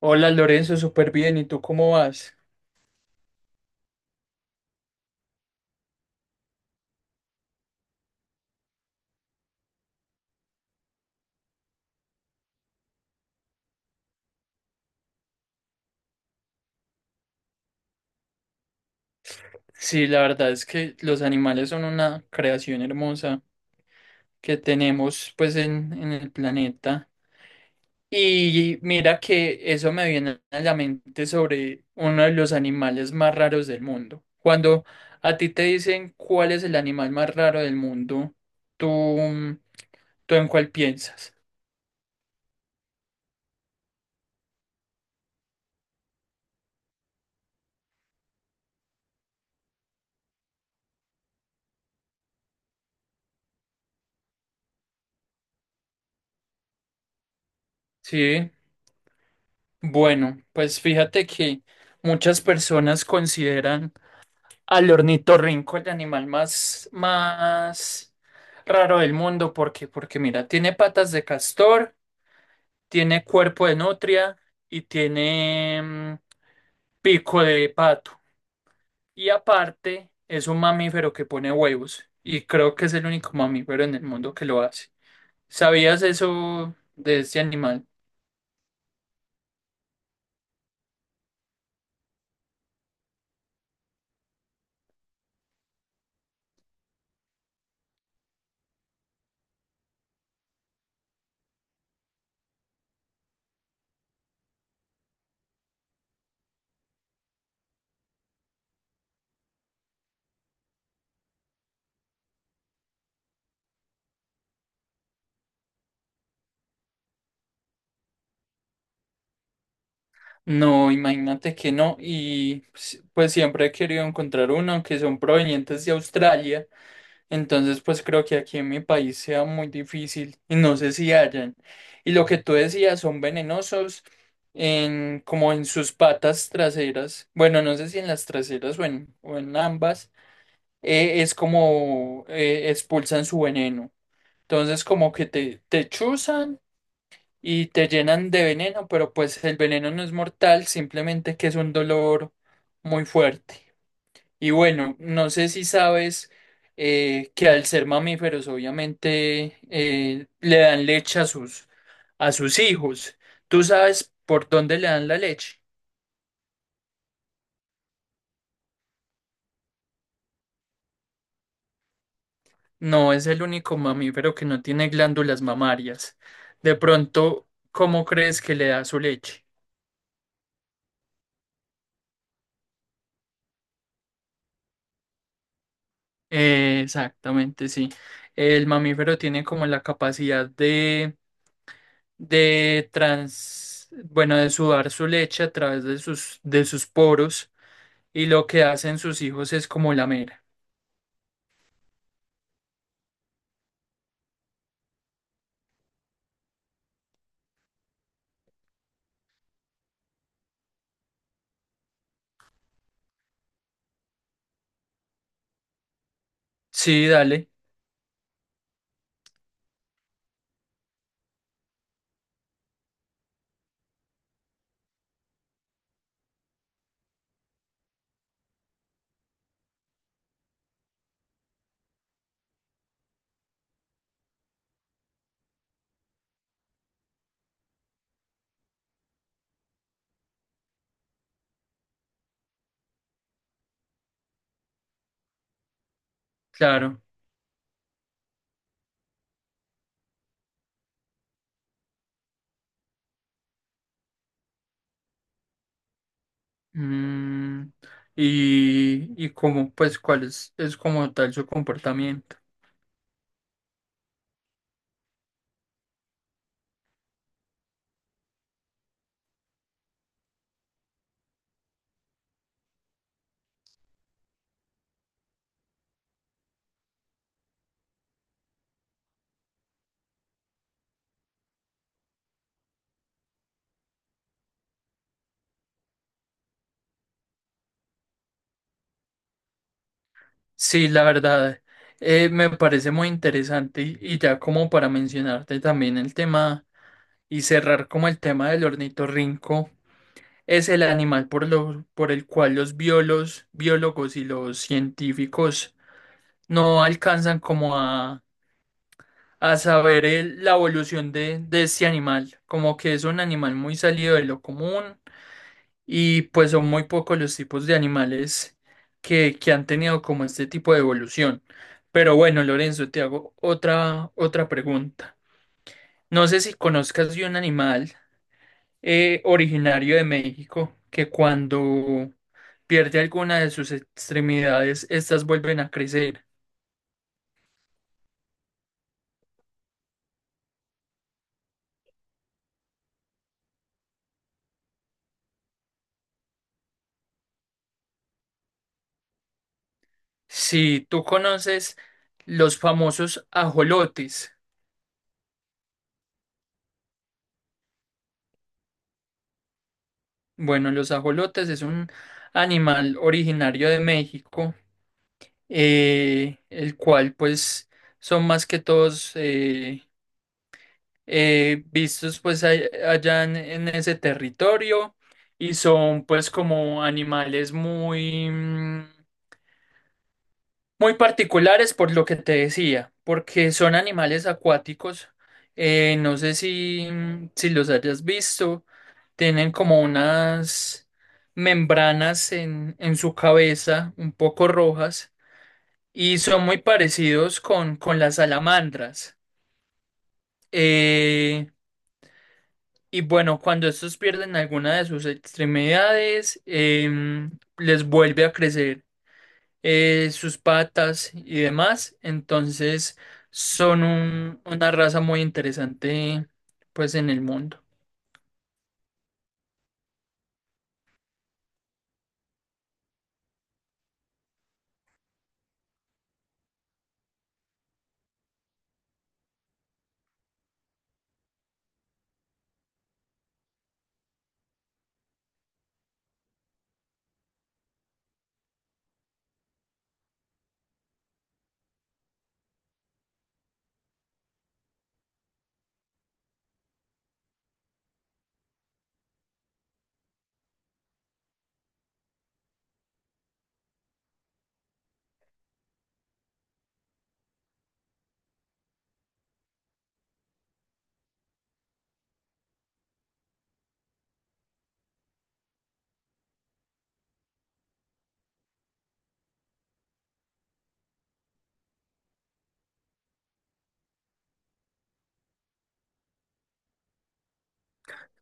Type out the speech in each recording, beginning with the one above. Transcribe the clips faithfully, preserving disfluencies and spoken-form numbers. Hola Lorenzo, súper bien. ¿Y tú cómo vas? Sí, la verdad es que los animales son una creación hermosa que tenemos pues en, en el planeta. Y mira que eso me viene a la mente sobre uno de los animales más raros del mundo. Cuando a ti te dicen cuál es el animal más raro del mundo, ¿tú, tú en cuál piensas? Sí. Bueno, pues fíjate que muchas personas consideran al ornitorrinco, el animal más, más raro del mundo. ¿Por qué? Porque mira, tiene patas de castor, tiene cuerpo de nutria y tiene mm, pico de pato. Y aparte, es un mamífero que pone huevos. Y creo que es el único mamífero en el mundo que lo hace. ¿Sabías eso de este animal? No, imagínate que no. Y pues pues siempre he querido encontrar uno, aunque son provenientes de Australia. Entonces, pues creo que aquí en mi país sea muy difícil y no sé si hayan. Y lo que tú decías, son venenosos en, como en sus patas traseras. Bueno, no sé si en las traseras o en, o en ambas. Eh, es como eh, expulsan su veneno. Entonces, como que te, te chuzan y te llenan de veneno, pero pues el veneno no es mortal, simplemente que es un dolor muy fuerte. Y bueno, no sé si sabes eh, que al ser mamíferos obviamente eh, le dan leche a sus, a sus hijos. ¿Tú sabes por dónde le dan la leche? No es el único mamífero que no tiene glándulas mamarias. De pronto, ¿cómo crees que le da su leche? Eh, exactamente, sí. El mamífero tiene como la capacidad de de trans, bueno, de sudar su leche a través de sus, de sus poros y lo que hacen sus hijos es como lamer. Sí, dale, claro. Mm, y, y como, pues, cuál es, es como tal su comportamiento. Sí, la verdad, eh, me parece muy interesante y, y ya como para mencionarte también el tema y cerrar como el tema del ornitorrinco. Es el animal por lo, por el cual los biolos- biólogos y los científicos no alcanzan como a, a saber el- la evolución de, de este animal, como que es un animal muy salido de lo común y pues son muy pocos los tipos de animales que, que han tenido como este tipo de evolución. Pero bueno, Lorenzo, te hago otra, otra pregunta. No sé si conozcas de un animal eh, originario de México, que cuando pierde alguna de sus extremidades, estas vuelven a crecer. Si tú conoces los famosos ajolotes, bueno, los ajolotes es un animal originario de México, eh, el cual pues son más que todos eh, eh, vistos pues a- allá en, en ese territorio y son pues como animales muy... mm, muy particulares por lo que te decía, porque son animales acuáticos. Eh, no sé si, si los hayas visto. Tienen como unas membranas en, en su cabeza, un poco rojas, y son muy parecidos con, con las salamandras. Eh, y bueno, cuando estos pierden alguna de sus extremidades, em, les vuelve a crecer eh, sus patas y demás. Entonces son un- una raza muy interesante pues en el mundo.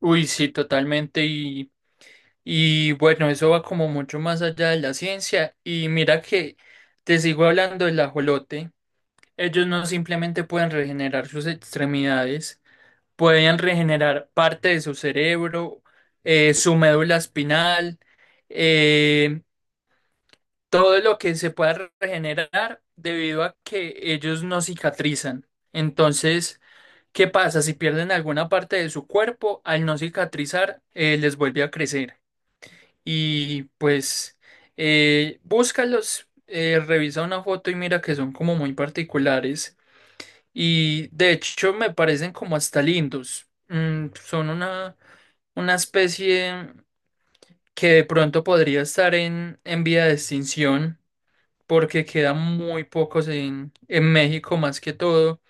Uy, sí, totalmente. Y, y bueno, eso va como mucho más allá de la ciencia. Y mira que te sigo hablando del ajolote. Ellos no simplemente pueden regenerar sus extremidades, pueden regenerar parte de su cerebro, eh, su médula espinal. eh, Todo lo que se pueda regenerar debido a que ellos no cicatrizan. Entonces, ¿qué pasa? Si pierden alguna parte de su cuerpo, al no cicatrizar, eh, les vuelve a crecer. Y pues, eh, búscalos, eh, revisa una foto y mira que son como muy particulares. Y de hecho, me parecen como hasta lindos. Mm, son una, una especie que de pronto podría estar en, en vía de extinción porque quedan muy pocos en, en México más que todo,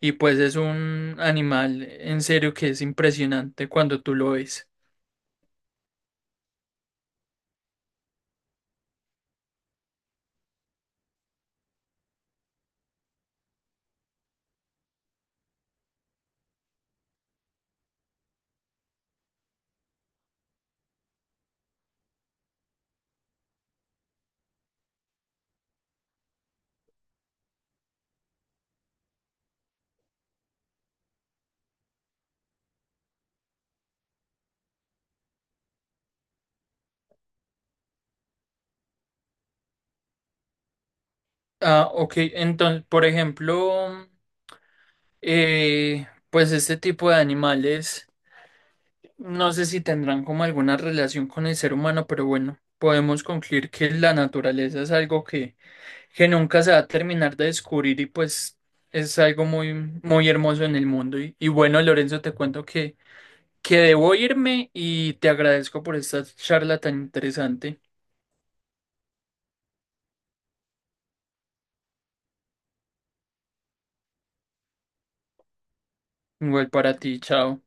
y pues es un animal en serio que es impresionante cuando tú lo ves. Ah, ok, entonces, por ejemplo, eh, pues este tipo de animales, no sé si tendrán como alguna relación con el ser humano, pero bueno, podemos concluir que la naturaleza es algo que, que nunca se va a terminar de descubrir y pues es algo muy, muy hermoso en el mundo. Y, y bueno, Lorenzo, te cuento que... que debo irme y te agradezco por esta charla tan interesante. Igual para ti, chao.